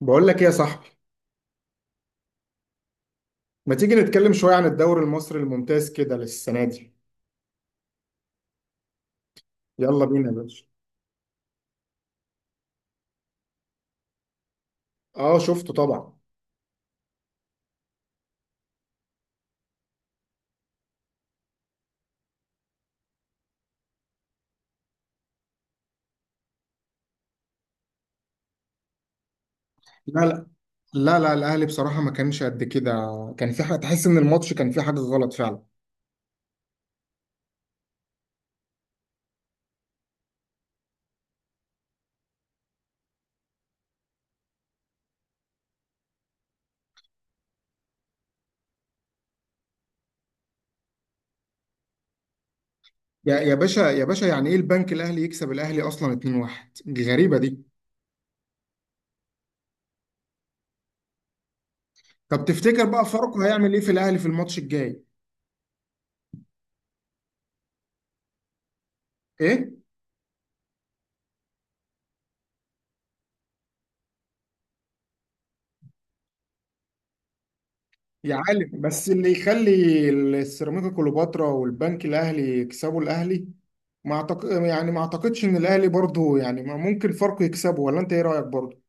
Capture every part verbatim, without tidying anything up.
بقول لك ايه يا صاحبي، ما تيجي نتكلم شوية عن الدوري المصري الممتاز كده للسنة دي؟ يلا بينا يا باشا. اه، شفته طبعا. لا لا، لا لا، الاهلي بصراحة ما كانش قد كده. كان في حاجة تحس ان الماتش كان فيه حاجة غلط فعلا. يا يا باشا، يا باشا، يعني ايه البنك الاهلي يكسب الاهلي اصلا اتنين واحد؟ دي غريبة دي. طب تفتكر بقى فاروق هيعمل ايه في الاهلي في الماتش الجاي؟ ايه؟ يا عالم، بس اللي يخلي السيراميكا كليوباترا والبنك الاهلي يكسبوا الاهلي. ما أعتق... يعني ما اعتقدش ان الاهلي برضه، يعني ما ممكن فرق يكسبه. ولا انت ايه رايك برضه؟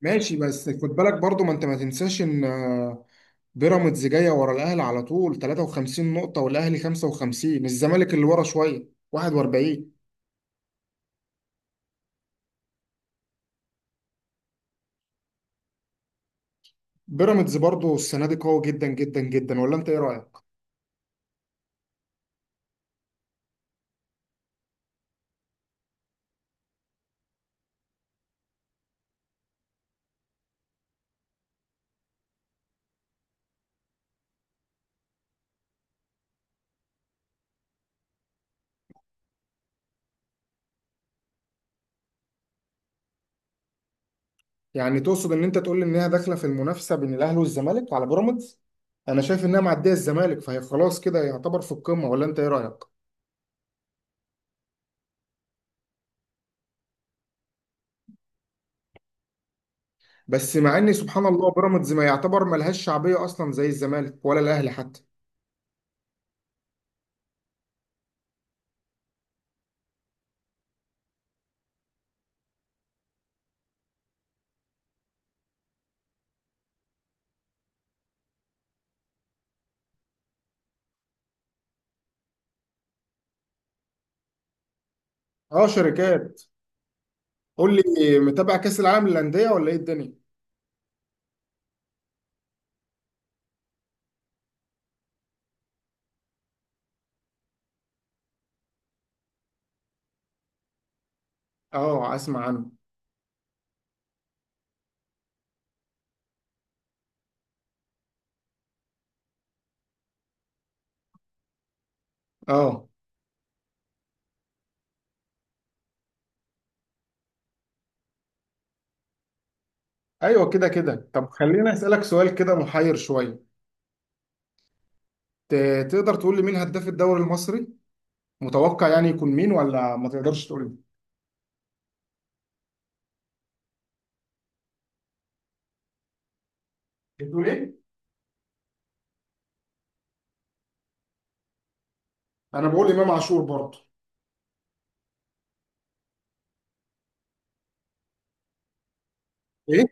ماشي، بس خد بالك برضه، ما انت ما تنساش ان آه، بيراميدز جايه ورا الاهلي على طول، ثلاثة وخمسين نقطه، والاهلي خمسة وخمسين، الزمالك اللي ورا شويه واحد واربعين. بيراميدز برضه السنه دي قوي جدا جدا جدا، ولا انت ايه رايك؟ يعني تقصد ان انت تقول لي انها داخله في المنافسه بين الاهلي والزمالك على بيراميدز؟ انا شايف انها معديه الزمالك، فهي خلاص كده يعتبر في القمه، ولا انت ايه رايك؟ بس مع ان سبحان الله بيراميدز ما يعتبر ملهاش شعبيه اصلا زي الزمالك ولا الاهلي حتى. اه، شركات. قول لي، متابع كاس العالم للانديه ولا ايه الدنيا؟ اه، اسمع عنه. اه، ايوه، كده كده. طب خليني اسالك سؤال كده محير شويه. ت- تقدر تقول لي مين هداف الدوري المصري؟ متوقع يعني يكون مين، ولا ما تقدرش تقول لي؟ بتقول ايه؟ انا بقول امام عاشور برضه. ايه؟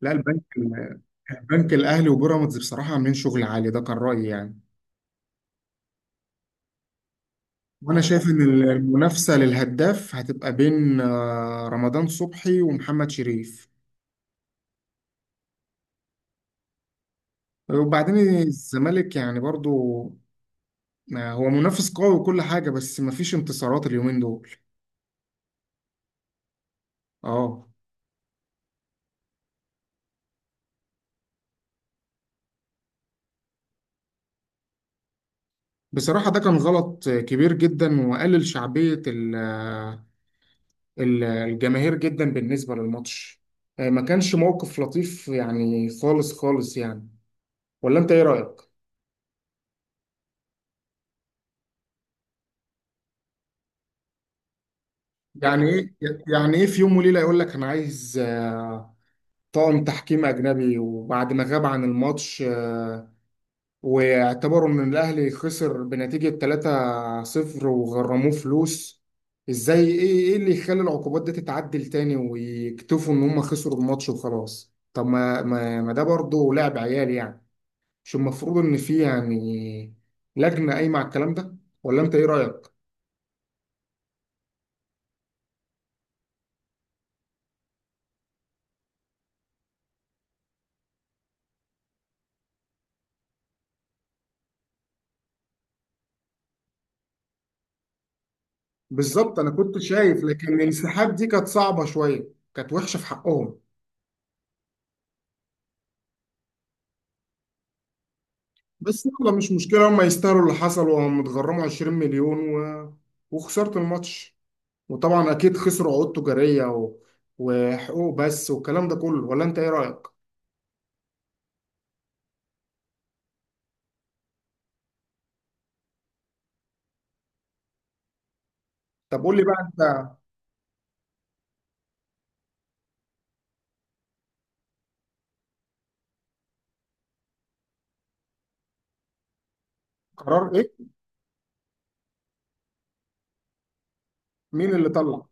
لا. البنك البنك الاهلي وبيراميدز بصراحه عاملين شغل عالي، ده كان رايي يعني. وانا شايف ان المنافسه للهداف هتبقى بين آه، رمضان صبحي ومحمد شريف. وبعدين الزمالك يعني برضو آه، هو منافس قوي وكل حاجه، بس مفيش انتصارات اليومين دول. اه، بصراحه ده كان غلط كبير جدا، وقلل شعبيه ال- آه، ال- الجماهير جدا بالنسبه للماتش. آه، ما كانش موقف لطيف يعني، خالص خالص يعني. ولا انت ايه رايك؟ ده يعني ايه؟ يعني ايه في يوم وليله يقول لك انا عايز طاقم تحكيم أجنبي، وبعد ما غاب عن الماتش آه، واعتبروا إن الأهلي خسر بنتيجة ثلاثة صفر وغرموه فلوس. إزاي؟ إيه إيه اللي يخلي العقوبات دي تتعدل تاني، ويكتفوا إن هم خسروا الماتش وخلاص؟ طب ما ما, ما ده برضه لعب عيال يعني. مش المفروض إن في يعني لجنة قايمة على الكلام ده؟ ولا أنت إيه رأيك؟ بالظبط، أنا كنت شايف. لكن الانسحاب دي كانت صعبة شوية، كانت وحشة في حقهم. بس يلا، مش مشكلة، هم يستاهلوا اللي حصل، وهم اتغرموا 20 مليون و... وخسرت الماتش. وطبعا أكيد خسروا عقود تجارية و... وحقوق بس، والكلام ده كله. ولا أنت إيه رأيك؟ طب قول لي بقى أنت. قرار إيه؟ مين اللي طلع؟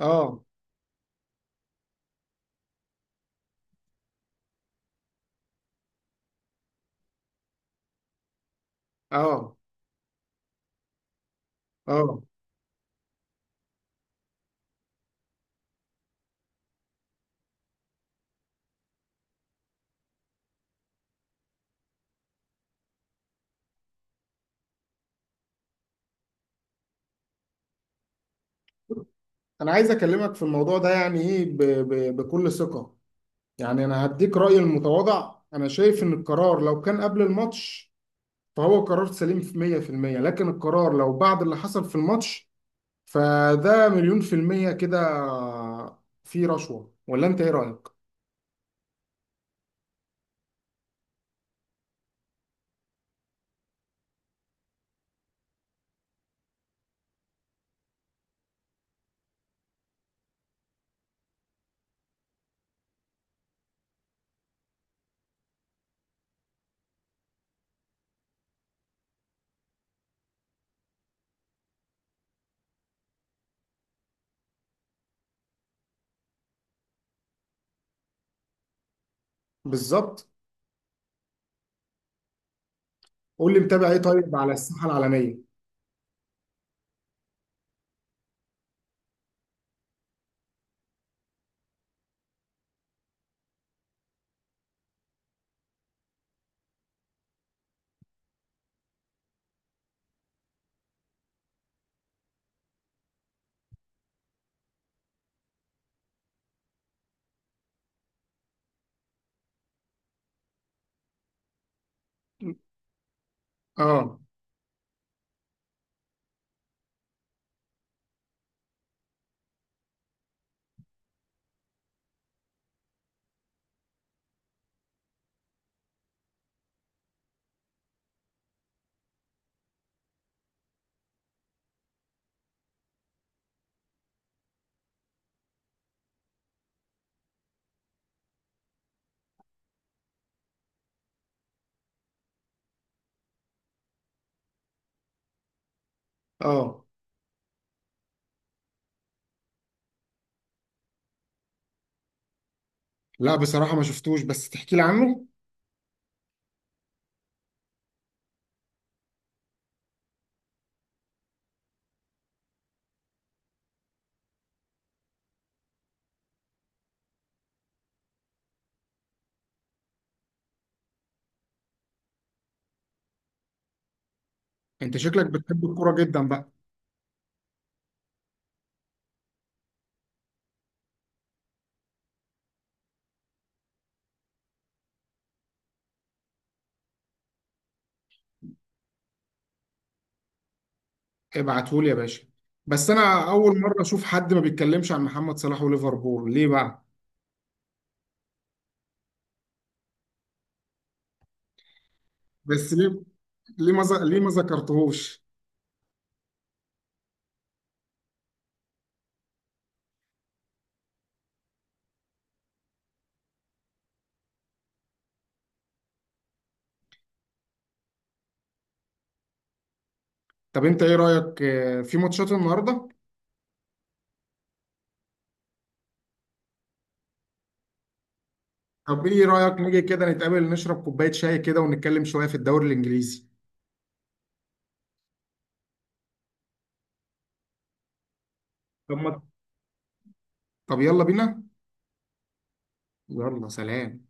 آه. آه. آه. أنا عايز أكلمك في الموضوع ده يعني إيه، ب... ب... بكل ثقة. يعني أنا هديك رأيي المتواضع، أنا شايف إن القرار لو كان قبل الماتش فهو قرار سليم في مية بالمية، لكن القرار لو بعد اللي حصل في الماتش فده مليون في المية كده في رشوة. ولا انت ايه رأيك؟ بالظبط. قول لي، متابع ايه طيب على الساحة العالمية؟ اه، اه، لا بصراحة ما شفتوش، بس تحكي لي عنه. انت شكلك بتحب الكورة جدا بقى. ابعتهولي يا باشا. بس انا اول مرة اشوف حد ما بيتكلمش عن محمد صلاح وليفربول، ليه بقى؟ بس ليه؟ ليه ما ز- ليه ما ذكرتهوش؟ طب انت ايه رأيك آه، في ماتشات النهاردة؟ طب ايه رأيك نيجي كده نتقابل، نشرب كوباية شاي كده، ونتكلم شوية في الدوري الإنجليزي؟ طب ما طب يلا بينا. يلا سلام.